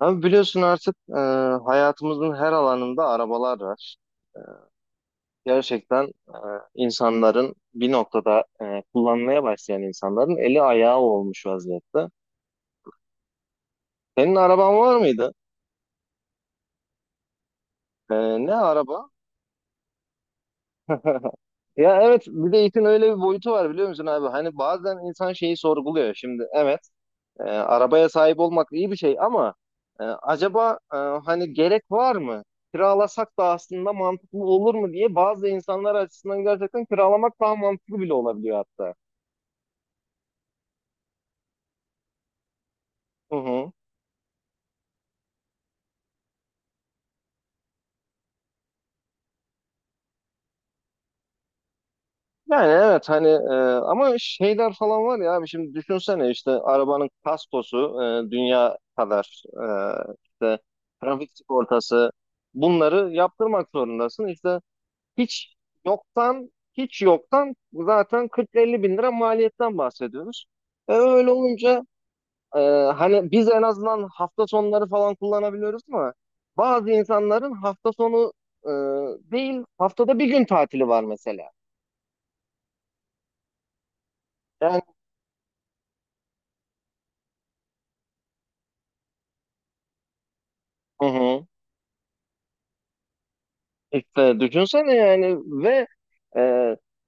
Abi biliyorsun artık hayatımızın her alanında arabalar var. E, Gerçekten insanların bir noktada kullanmaya başlayan insanların eli ayağı olmuş vaziyette. Senin araban var mıydı? E, Ne araba? Ya evet, bir de işin öyle bir boyutu var biliyor musun abi? Hani bazen insan şeyi sorguluyor. Şimdi evet, arabaya sahip olmak iyi bir şey ama acaba hani gerek var mı? Kiralasak da aslında mantıklı olur mu diye, bazı insanlar açısından gerçekten kiralamak daha mantıklı bile olabiliyor hatta. Hı hı. Yani evet, hani, ama şeyler falan var ya abi, şimdi düşünsene işte arabanın kaskosu dünya kadar, işte trafik sigortası, bunları yaptırmak zorundasın. İşte hiç hiç yoktan zaten 40-50 bin lira maliyetten bahsediyoruz. Öyle olunca, e, hani biz en azından hafta sonları falan kullanabiliyoruz, ama bazı insanların hafta sonu e, değil, haftada bir gün tatili var mesela. Yani, hı hı. İşte düşünsene yani, ve e,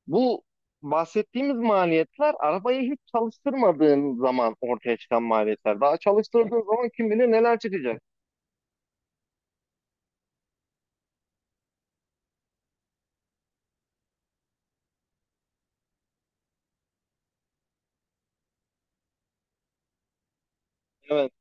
bu bahsettiğimiz maliyetler, arabayı hiç çalıştırmadığın zaman ortaya çıkan maliyetler. Daha çalıştırdığın zaman kim bilir neler çıkacak. Evet.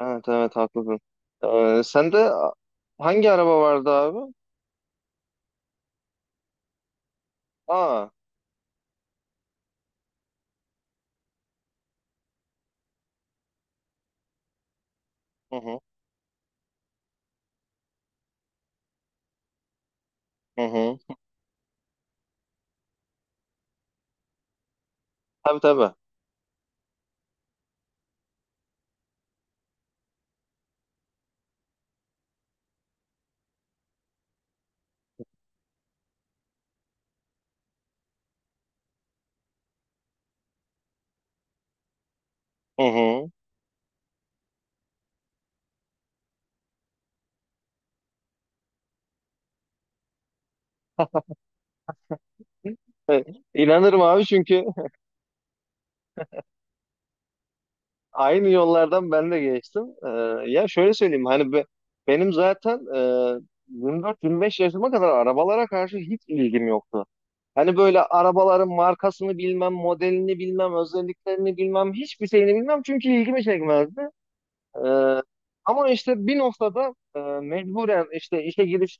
Evet, evet, haklısın. Sende hangi araba vardı abi? Aa. Hı hı. Hı hı. Tabii, tabii. Hı hı. İnanırım abi, çünkü aynı yollardan ben de geçtim. Ya, şöyle söyleyeyim hani benim zaten 24-25 yaşıma kadar arabalara karşı hiç ilgim yoktu. Hani böyle arabaların markasını bilmem, modelini bilmem, özelliklerini bilmem, hiçbir şeyini bilmem, çünkü ilgimi çekmezdi. Ee, Ama işte bir noktada mecburen işte işe giriş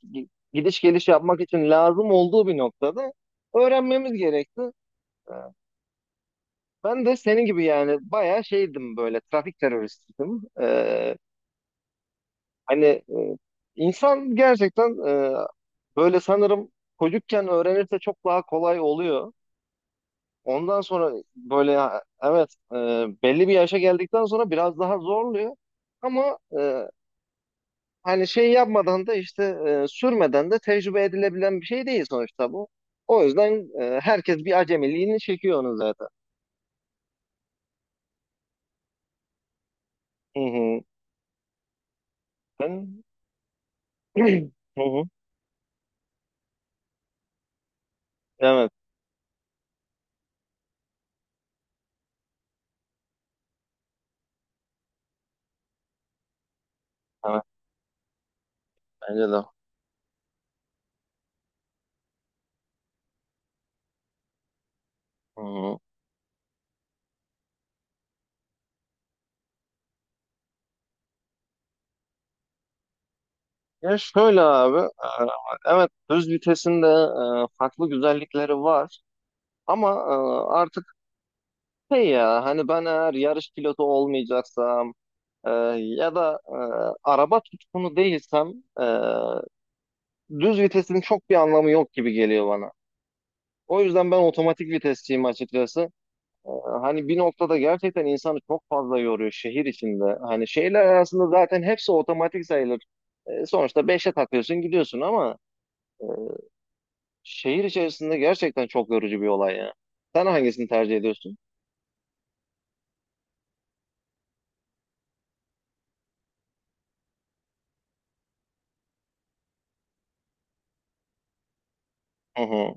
gidiş geliş yapmak için lazım olduğu bir noktada öğrenmemiz gerekti. Ee, Ben de senin gibi yani bayağı şeydim, böyle trafik teröristiydim. Hani insan gerçekten böyle, sanırım çocukken öğrenirse çok daha kolay oluyor. Ondan sonra böyle ha, evet, belli bir yaşa geldikten sonra biraz daha zorluyor. Ama hani şey yapmadan da işte, sürmeden de tecrübe edilebilen bir şey değil sonuçta bu. O yüzden herkes bir acemiliğini çekiyor onu zaten. Hı hı. Ben... Hı hı. Evet. Bence de. Hı hı. Ya şöyle abi, evet, düz vitesin de farklı güzellikleri var. Ama artık şey ya, hani ben eğer yarış pilotu olmayacaksam, e, ya da araba tutkunu değilsem, e, düz vitesin çok bir anlamı yok gibi geliyor bana. O yüzden ben otomatik vitesçiyim açıkçası. E, Hani bir noktada gerçekten insanı çok fazla yoruyor şehir içinde. Hani şehirler arasında zaten hepsi otomatik sayılır. Sonuçta beşe takıyorsun gidiyorsun, ama şehir içerisinde gerçekten çok yorucu bir olay ya. Sen hangisini tercih ediyorsun? Hı hı,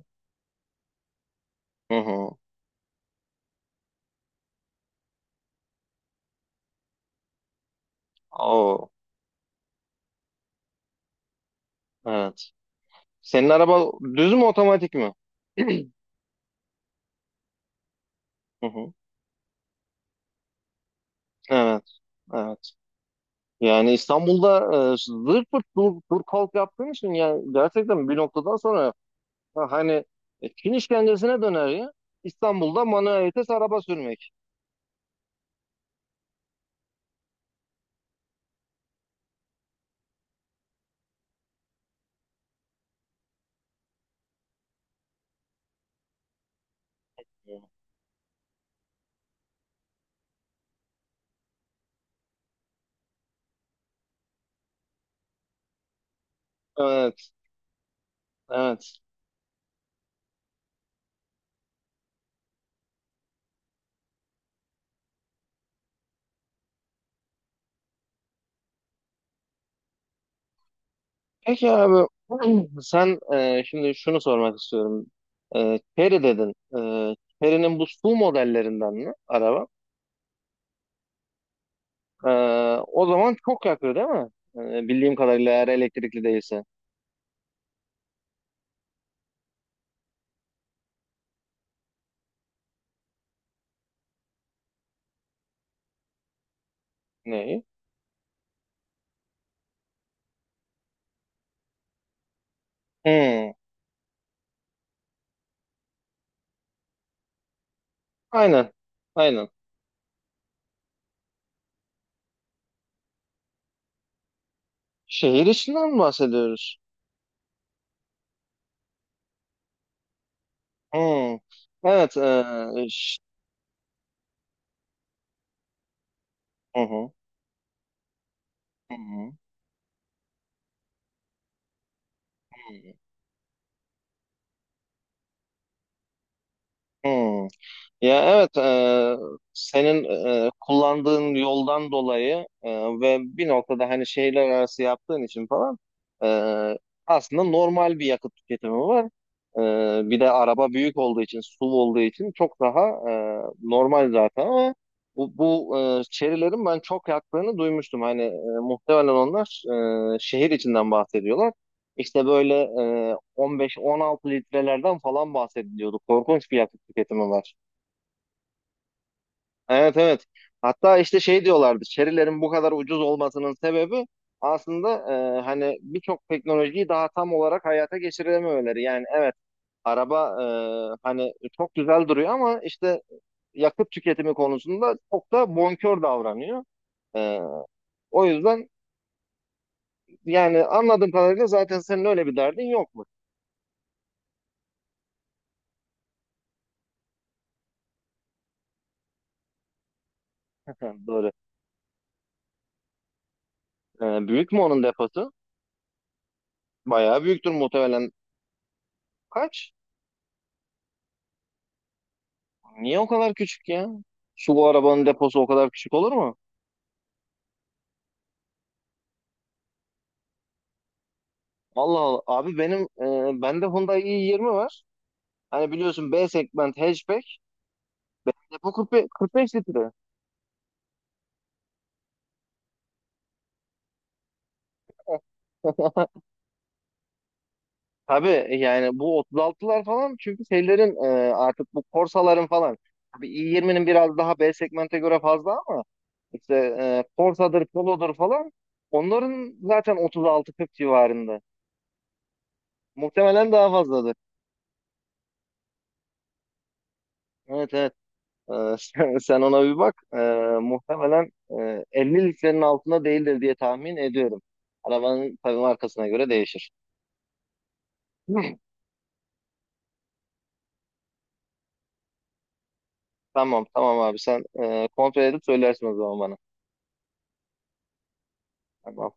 hı hı. Oo, evet. Senin araba düz mü otomatik mi? Hı hı. Evet. Evet. Yani İstanbul'da zırt pırt dur, dur kalk yaptığın için, yani gerçekten bir noktadan sonra ha, hani, Çin işkencesine döner ya. İstanbul'da manuel vites araba sürmek. Evet. Evet. Peki abi, sen, şimdi şunu sormak istiyorum. Chery dedin. Chery'nin bu SUV modellerinden mi araba? E, O zaman çok yakıyor değil mi? Bildiğim kadarıyla, eğer elektrikli değilse. Neyi? Hmm, aynen. Aynen. Şehir içinden mi bahsediyoruz? Hmm. Evet. Hı hı. Hı hı. Hı. Ya evet, senin kullandığın yoldan dolayı, ve bir noktada hani şehirler arası yaptığın için falan, e, aslında normal bir yakıt tüketimi var. Bir de araba büyük olduğu için, SUV olduğu için çok daha normal zaten, ama bu çerilerin ben çok yaktığını duymuştum. Hani muhtemelen onlar şehir içinden bahsediyorlar. İşte böyle 15-16 litrelerden falan bahsediliyordu. Korkunç bir yakıt tüketimi var. Evet, evet. Hatta işte şey diyorlardı. Şerilerin bu kadar ucuz olmasının sebebi aslında, hani birçok teknolojiyi daha tam olarak hayata geçirememeleri. Yani evet, araba hani çok güzel duruyor, ama işte yakıt tüketimi konusunda çok da bonkör davranıyor. E, O yüzden, yani anladığım kadarıyla zaten senin öyle bir derdin yok mu? Doğru. Büyük mü onun deposu? Bayağı büyüktür muhtemelen. Kaç? Niye o kadar küçük ya? Su, bu arabanın deposu o kadar küçük olur mu? Allah Allah. Abi bende Hyundai i20 var. Hani biliyorsun, B segment hatchback. Depo 45, 45 litre. Tabii yani bu 36'lar falan, çünkü şeylerin artık bu Corsa'ların falan. Tabii i20'nin biraz daha B segmente göre fazla, ama işte Corsa'dır, Polo'dur falan, onların zaten 36-40 civarında. Muhtemelen daha fazladır. Evet, evet. Ee, sen ona bir bak. Muhtemelen 50 litrenin altında değildir diye tahmin ediyorum. Arabanın tabii markasına göre değişir. Tamam, tamam abi, sen kontrol edip söylersin o zaman bana. Tamam.